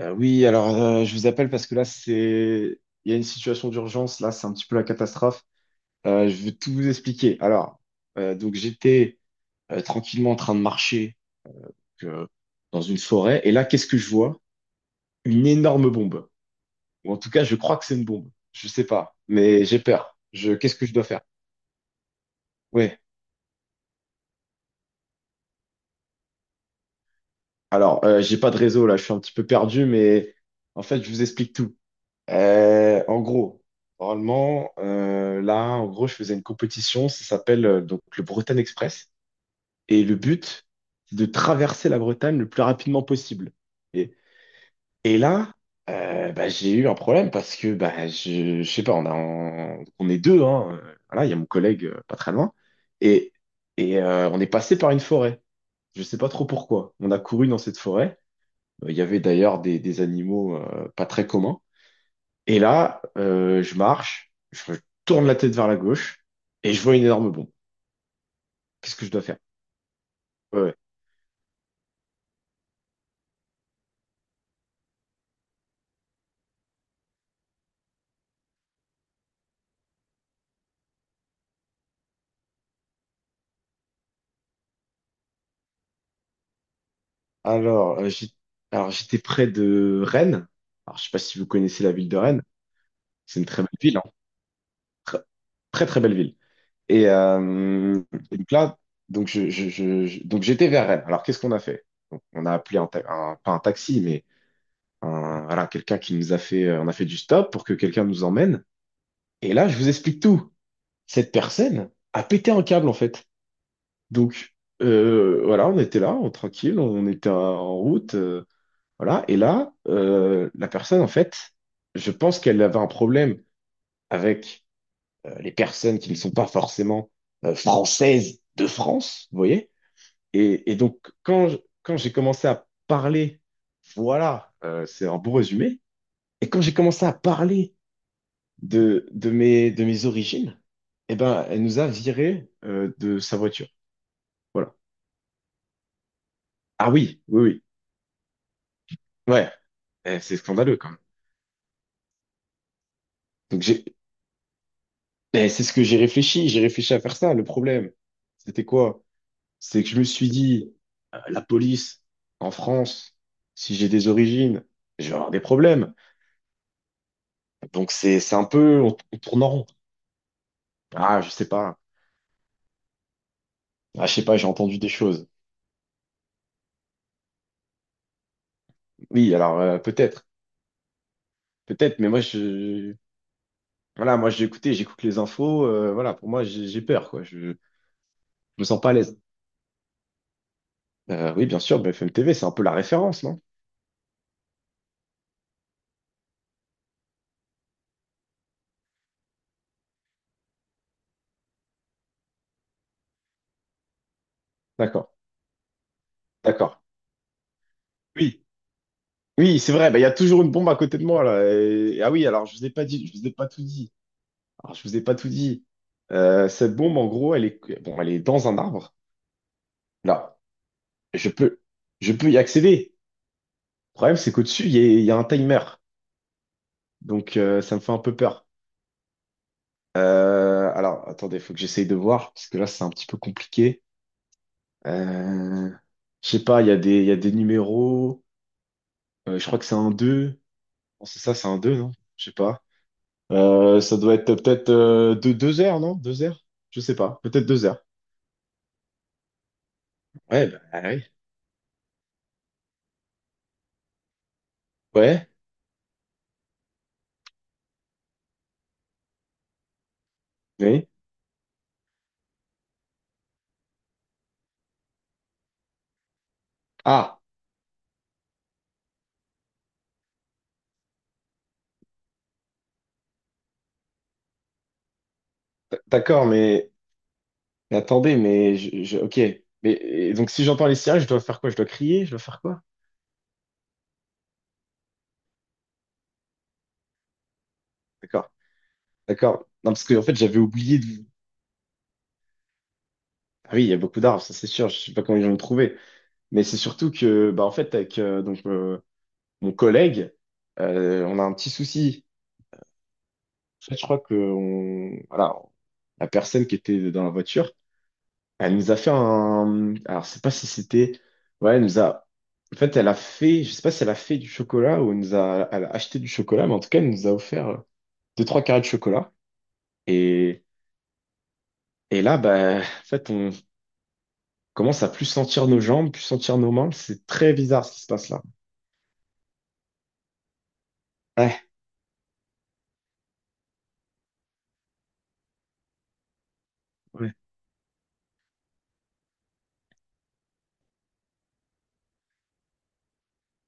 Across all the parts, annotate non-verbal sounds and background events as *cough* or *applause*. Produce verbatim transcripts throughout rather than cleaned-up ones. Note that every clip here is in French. Euh, oui, alors euh, je vous appelle parce que là, c'est... il y a une situation d'urgence, là, c'est un petit peu la catastrophe. Euh, je vais tout vous expliquer. Alors, euh, donc j'étais euh, tranquillement en train de marcher euh, dans une forêt, et là, qu'est-ce que je vois? Une énorme bombe. Ou en tout cas, je crois que c'est une bombe. Je sais pas, mais j'ai peur. Je... Qu'est-ce que je dois faire? Ouais. Alors, euh, j'ai pas de réseau, là, je suis un petit peu perdu, mais en fait, je vous explique tout. Euh, en gros, normalement, euh, là, en gros, je faisais une compétition, ça s'appelle euh, donc le Bretagne Express. Et le but, c'est de traverser la Bretagne le plus rapidement possible. Et, et là, euh, bah, j'ai eu un problème parce que, bah, je, je sais pas, on a, on, on est deux, hein, euh, voilà, il y a mon collègue euh, pas très loin. Et, et euh, on est passé par une forêt. Je sais pas trop pourquoi. On a couru dans cette forêt. Euh, Il y avait d'ailleurs des, des animaux euh, pas très communs. Et là, euh, je marche, je tourne la tête vers la gauche et je vois une énorme bombe. Qu'est-ce que je dois faire? Ouais, ouais. Alors, euh, j'ai- alors j'étais près de Rennes. Alors, je sais pas si vous connaissez la ville de Rennes. C'est une très belle ville, hein. Très, très très belle ville. Et, euh, et donc là, donc je, je- je- je- donc j'étais vers Rennes. Alors, qu'est-ce qu'on a fait? Donc, on a appelé un, ta- un- pas un taxi, mais un- voilà, quelqu'un qui nous a fait, euh, on a fait du stop pour que quelqu'un nous emmène. Et là, je vous explique tout. Cette personne a pété un câble en fait. Donc euh, voilà, on était là, on, tranquille, on était en route, euh, voilà. Et là, euh, la personne, en fait, je pense qu'elle avait un problème avec euh, les personnes qui ne sont pas forcément euh, françaises de France, vous voyez? Et, et donc quand je- quand j'ai commencé à parler, voilà, euh, c'est un bon résumé. Et quand j'ai commencé à parler de de mes de mes origines, eh ben, elle nous a viré euh, de sa voiture. Voilà. Ah oui, oui, oui. Ouais, eh, c'est scandaleux quand même. Donc j'ai, eh, c'est ce que j'ai réfléchi, j'ai réfléchi à faire ça. Le problème, c'était quoi? C'est que je me suis dit, euh, la police en France, si j'ai des origines, je vais avoir des problèmes. Donc c'est, c'est un peu, on, on tourne en rond. Ah, je sais pas. Ah, je sais pas, j'ai entendu des choses. Oui, alors euh, peut-être, peut-être, mais moi je, voilà, moi j'ai écouté, j'écoute les infos. Euh, voilà, pour moi j'ai j'ai peur, quoi. Je, je me sens pas à l'aise. Euh, oui, bien sûr, B F M T V, c'est un peu la référence, non? D'accord, d'accord. Oui. Oui, c'est vrai, bah, il y a toujours une bombe à côté de moi là. Et- Ah oui, alors je vous ai pas dit, je vous ai pas tout dit. Alors, je vous ai pas tout dit. Euh, cette bombe, en gros, elle est, bon, elle est dans un arbre. Là, je peux, je peux y accéder. Le problème, c'est qu'au-dessus, il y, a il y a un timer. Donc, euh, ça me fait un peu peur. Euh, alors, attendez, faut que j'essaye de voir, parce que là, c'est un petit peu compliqué. Euh, je sais pas, il y a des, il y a des numéros. Euh, je crois que c'est un deux. Non, c'est ça, c'est un deux, non? Je sais pas. Euh, ça doit être peut-être euh, deux, deux heures, non? Deux heures? Je sais pas. Peut-être deux heures. Ouais, bah, ah oui. Ouais, oui. Ah, d- d'accord, mais mais attendez, mais je, je- ok. Mais et donc si j'entends les sirènes, je dois faire quoi? Je dois crier? Je dois faire quoi? D'accord, d'accord. Non, parce que en fait, j'avais oublié de. Ah oui, il y a beaucoup d'arbres, ça c'est sûr. Je sais pas comment ils vont me trouver. Mais c'est surtout que, bah en fait, avec euh, donc euh, mon collègue, euh, on a un petit souci. En fait, je crois que on, voilà, la personne qui était dans la voiture. Elle nous a fait un... Alors, je sais pas si c'était... Ouais, elle nous a... En fait, elle a fait... Je sais pas si elle a fait du chocolat ou elle nous a... elle a acheté du chocolat, mais en tout cas, elle nous a offert euh, deux, trois carrés de chocolat. Et, et là, bah, en fait, on commence à plus sentir nos jambes, plus sentir nos mains. C'est très bizarre ce qui se passe là. Ouais, ouais.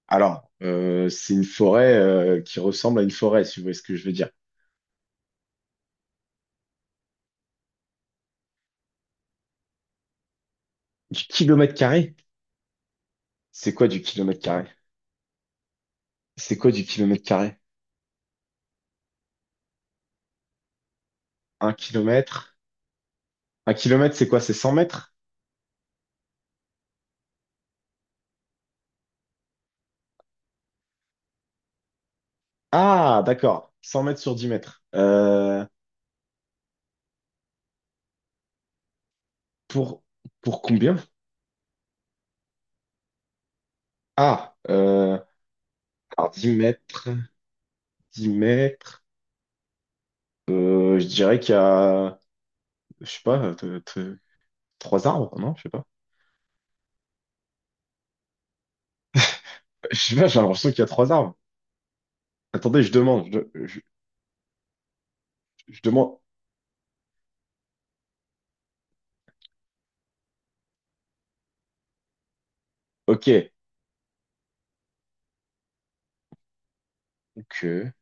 Alors, euh, c'est une forêt euh, qui ressemble à une forêt, si vous voyez ce que je veux dire. Du kilomètre carré? C'est quoi du kilomètre carré? C'est quoi du kilomètre carré? Un kilomètre? Un kilomètre, c'est quoi? C'est cent mètres? Ah, d'accord. cent mètres sur dix mètres. Euh, pour, pour combien? Ah, euh, alors dix mètres, dix mètres. Euh, je dirais qu'il y a, je sais pas, euh, t- t- trois arbres, non? Je sais pas. *laughs* Je sais pas, j'ai l'impression qu'il y a trois arbres. Attendez, je demande. Je, je- je demande. Ok. Ok. Euh,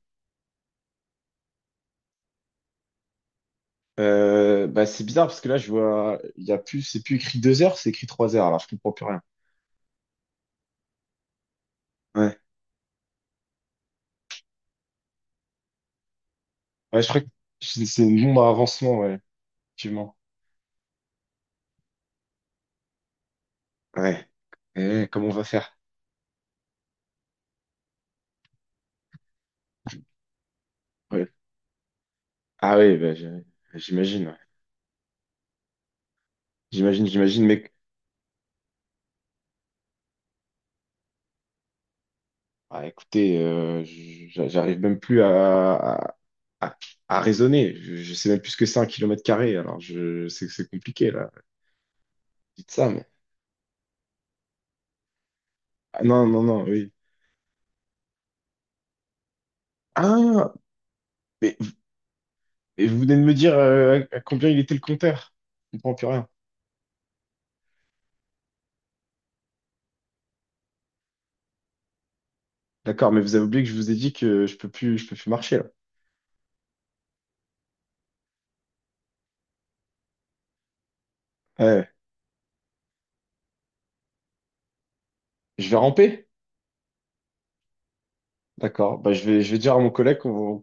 euh, Bah, c'est bizarre parce que là, je vois, il y a plus, c'est plus écrit deux heures, c'est écrit trois heures. Alors, je comprends plus rien. Ouais. Ouais, je crois que c'est c'est une bombe à avancement, ouais, effectivement. Ouais. Eh, comment on va faire? Ouais. Ah oui, bah, j'ai- j'imagine. Ouais. J'imagine, j'imagine, mec. Ah, écoutez, euh, j- j'arrive même plus à, à, à- à raisonner. Je, je sais même plus ce que c'est un kilomètre carré. Alors, je sais que c'est compliqué, là. Dites ça, mais... Ah, non, non, non, oui. Ah, mais, mais vous venez de me dire euh, à combien il était le compteur. Je comprends plus rien. D'accord, mais vous avez oublié que je vous ai dit que je peux plus, je peux plus marcher, là. Ouais. Je vais ramper? D'accord. Bah, je vais, je vais dire à mon collègue qu'on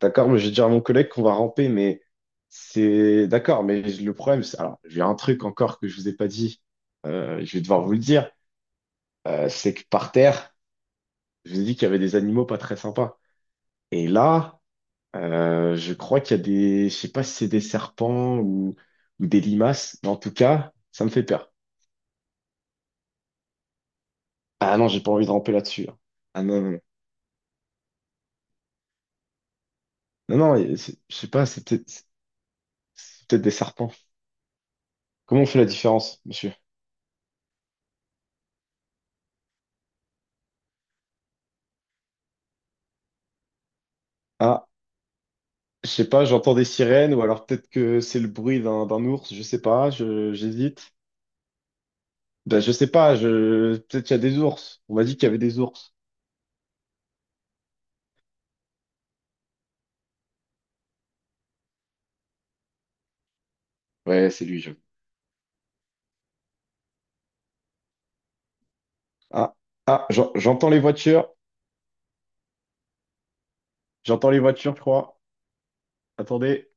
d'accord, mais j'ai déjà mon collègue qu'on va ramper, mais c'est d'accord, mais le problème, c'est alors j'ai un truc encore que je vous ai pas dit, euh, je vais devoir vous le dire, euh, c'est que par terre, je vous ai dit qu'il y avait des animaux pas très sympas. Et là, euh, je crois qu'il y a des, je sais pas si c'est des serpents ou, ou des limaces, mais en tout cas, ça me fait peur. Ah non, j'ai pas envie de ramper là-dessus. Hein. Ah non, non, non, non, non, c'est- je sais pas, c'est peut-être c'est peut-être des serpents. Comment on fait la différence, monsieur? Ah. Je sais pas, j'entends des sirènes ou alors peut-être que c'est le bruit d'un d'un ours, je sais pas, je j'hésite. Ben, je sais pas, je peut-être qu'il y a des ours. On m'a dit qu'il y avait des ours. Ouais, c'est lui, je... Ah, ah, j'en- J'entends les voitures. J'entends les voitures, je crois. Attendez.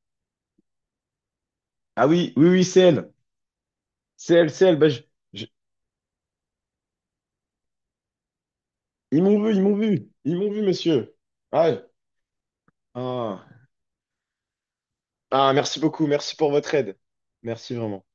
Ah oui, oui, oui, c'est elle. C'est elle, c'est elle. Ben, je- je- Ils m'ont vu, ils m'ont vu. Ils m'ont vu, monsieur. Ah, ah. Ah, merci beaucoup, merci pour votre aide. Merci vraiment.